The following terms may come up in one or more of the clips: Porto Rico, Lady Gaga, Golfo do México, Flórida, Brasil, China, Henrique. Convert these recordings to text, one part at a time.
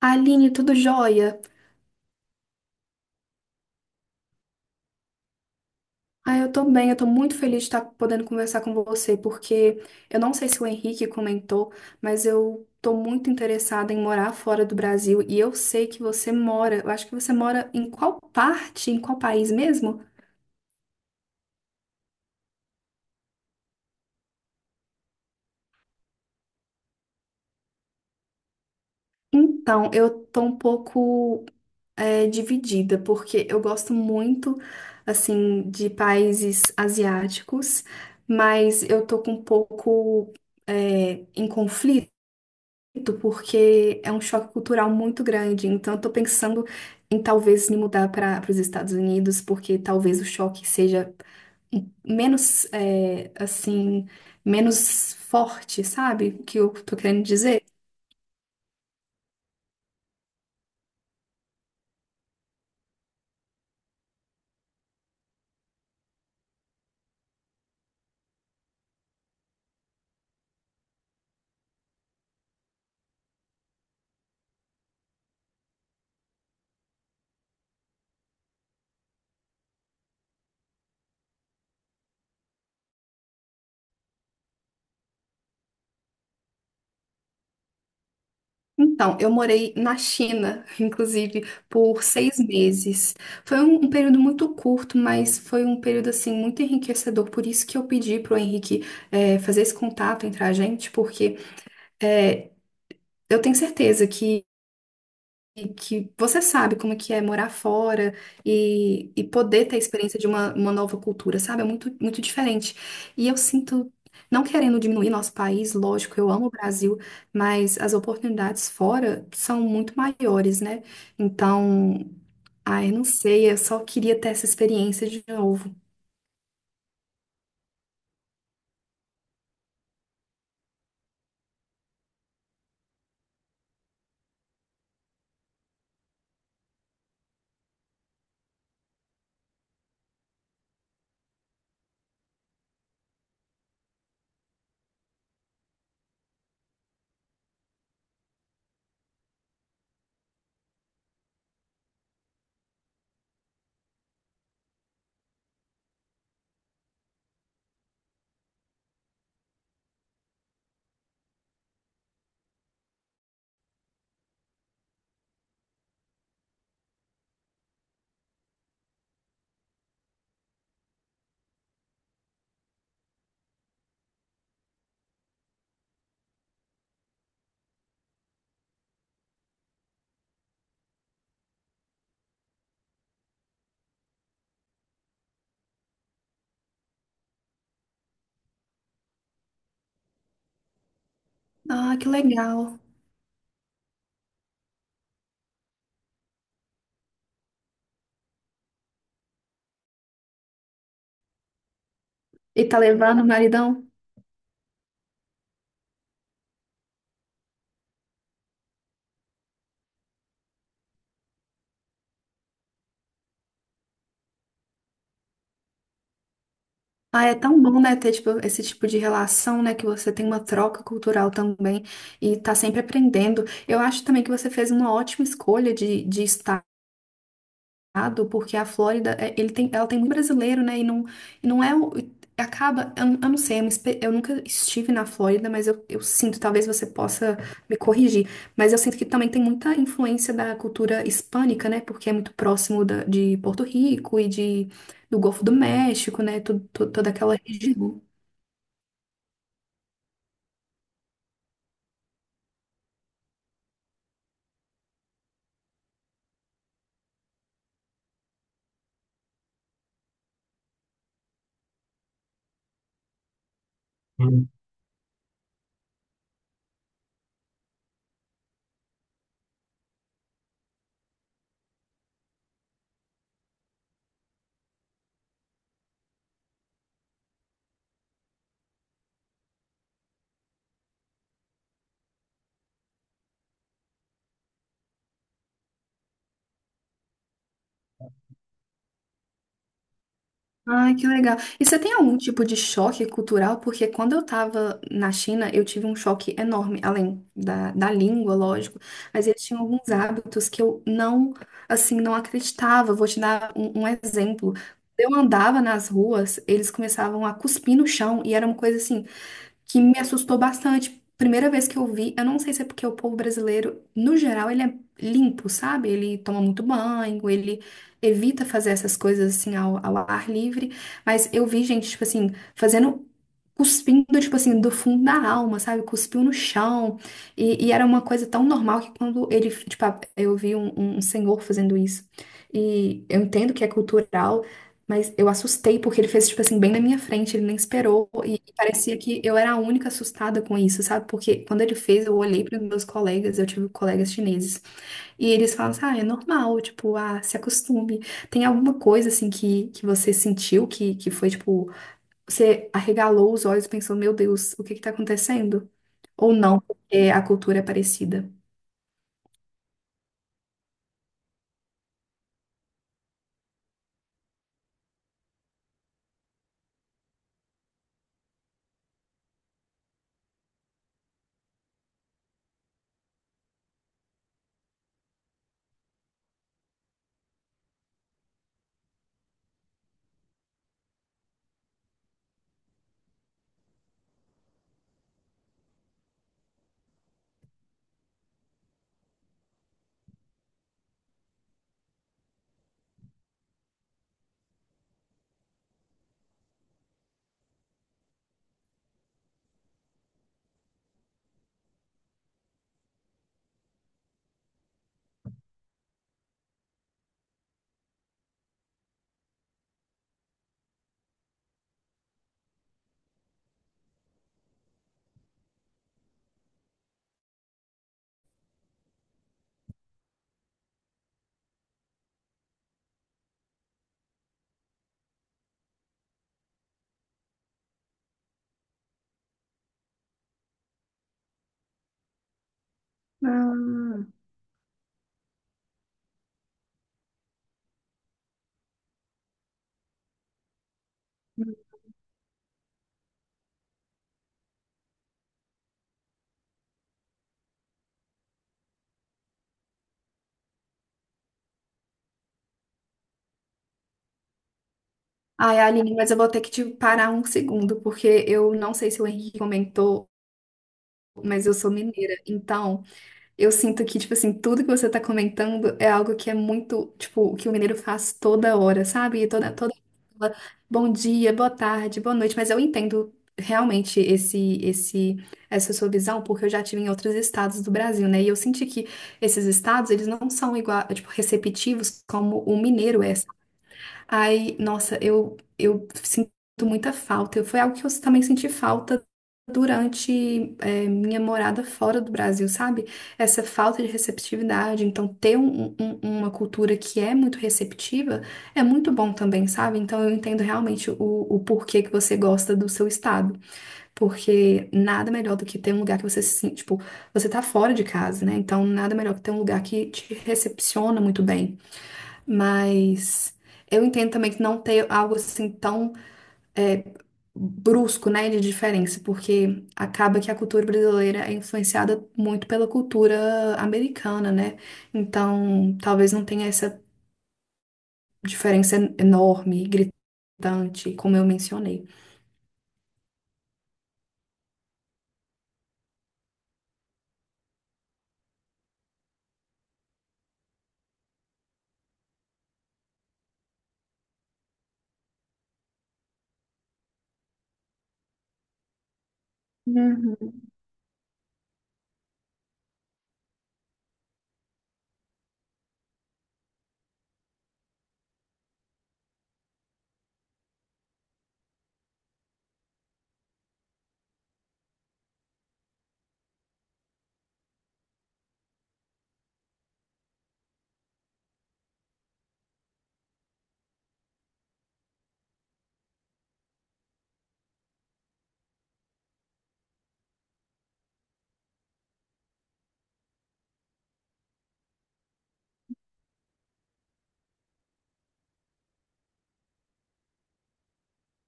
Aline, tudo jóia? Ah, eu tô bem, eu tô muito feliz de estar podendo conversar com você, porque eu não sei se o Henrique comentou, mas eu tô muito interessada em morar fora do Brasil e eu sei que você mora, eu acho que você mora em qual parte, em qual país mesmo? Então, eu tô um pouco dividida, porque eu gosto muito, assim, de países asiáticos, mas eu tô com um pouco em conflito muito, porque é um choque cultural muito grande. Então, eu tô pensando em talvez me mudar para os Estados Unidos, porque talvez o choque seja menos, é, assim, menos forte, sabe? O que eu tô querendo dizer? Então, eu morei na China, inclusive, por seis meses. Foi um período muito curto, mas foi um período, assim, muito enriquecedor. Por isso que eu pedi pro Henrique, fazer esse contato entre a gente, porque, é, eu tenho certeza que e que você sabe como é que é morar fora e poder ter a experiência de uma nova cultura, sabe? É muito, muito diferente. E eu sinto, não querendo diminuir nosso país, lógico, eu amo o Brasil, mas as oportunidades fora são muito maiores, né? Então, ai, não sei, eu só queria ter essa experiência de novo. Ah, que legal. E tá levando o maridão? Ah, é tão bom, né, ter tipo, esse tipo de relação, né, que você tem uma troca cultural também e tá sempre aprendendo. Eu acho também que você fez uma ótima escolha de estado, porque a Flórida, é, ele tem, ela tem muito brasileiro, né, e não é, acaba, eu não sei, eu, eu nunca estive na Flórida, mas eu sinto, talvez você possa me corrigir, mas eu sinto que também tem muita influência da cultura hispânica, né, porque é muito próximo de Porto Rico e de, do Golfo do México, né, toda aquela região. Hum. Ai, que legal. E você tem algum tipo de choque cultural? Porque quando eu tava na China, eu tive um choque enorme, além da língua, lógico, mas eles tinham alguns hábitos que eu não, assim, não acreditava. Vou te dar um exemplo. Eu andava nas ruas, eles começavam a cuspir no chão, e era uma coisa assim que me assustou bastante. Primeira vez que eu vi, eu não sei se é porque o povo brasileiro, no geral, ele é limpo, sabe? Ele toma muito banho, ele evita fazer essas coisas assim ao ar livre, mas eu vi gente, tipo assim, fazendo. Cuspindo, tipo assim, do fundo da alma, sabe? Cuspiu no chão. E era uma coisa tão normal que quando ele, tipo, eu vi um um senhor fazendo isso. E eu entendo que é cultural, mas eu assustei porque ele fez, tipo assim, bem na minha frente, ele nem esperou. E parecia que eu era a única assustada com isso, sabe? Porque quando ele fez, eu olhei para os meus colegas, eu tive colegas chineses. E eles falam assim: ah, é normal, tipo, ah, se acostume. Tem alguma coisa, assim, que você sentiu que foi, tipo, você arregalou os olhos e pensou: meu Deus, o que que tá acontecendo? Ou não, porque a cultura é parecida. Ah, Ai, Aline, mas eu vou ter que te parar um segundo, porque eu não sei se o Henrique comentou, mas eu sou mineira. Então, eu sinto que, tipo assim, tudo que você tá comentando é algo que é muito, tipo, o que o mineiro faz toda hora, sabe? Toda hora. Bom dia, boa tarde, boa noite. Mas eu entendo realmente essa sua visão, porque eu já tive em outros estados do Brasil, né? E eu senti que esses estados, eles não são igual, tipo, receptivos como o mineiro é. Aí, nossa, eu sinto muita falta. Foi algo que eu também senti falta durante, é, minha morada fora do Brasil, sabe? Essa falta de receptividade. Então, ter uma cultura que é muito receptiva é muito bom também, sabe? Então, eu entendo realmente o porquê que você gosta do seu estado. Porque nada melhor do que ter um lugar que você se sente, tipo, você tá fora de casa, né? Então, nada melhor que ter um lugar que te recepciona muito bem. Mas eu entendo também que não ter algo assim tão é, brusco, né, de diferença, porque acaba que a cultura brasileira é influenciada muito pela cultura americana, né? Então, talvez não tenha essa diferença enorme, gritante, como eu mencionei. Uhum.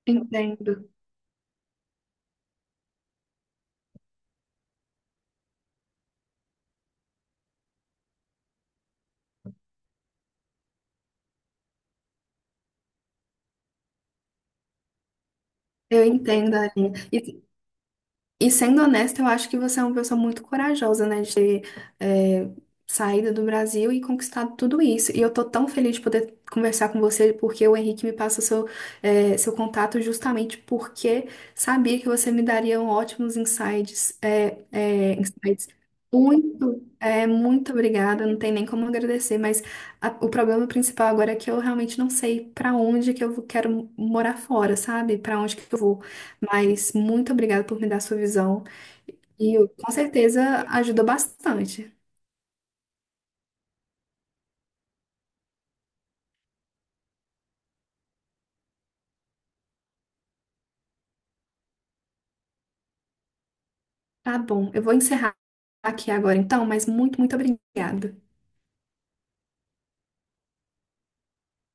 Entendo. Eu entendo, Aline. E sendo honesta, eu acho que você é uma pessoa muito corajosa, né, de ter é, saído do Brasil e conquistado tudo isso. E eu tô tão feliz de poder conversar com você, porque o Henrique me passa seu, seu contato justamente porque sabia que você me daria ótimos insights, insights. Muito, muito obrigada, não tem nem como agradecer, mas o problema principal agora é que eu realmente não sei pra onde que eu quero morar fora, sabe? Pra onde que eu vou. Mas muito obrigada por me dar sua visão e com certeza ajudou bastante. Tá bom, eu vou encerrar aqui agora então, mas muito, muito obrigada.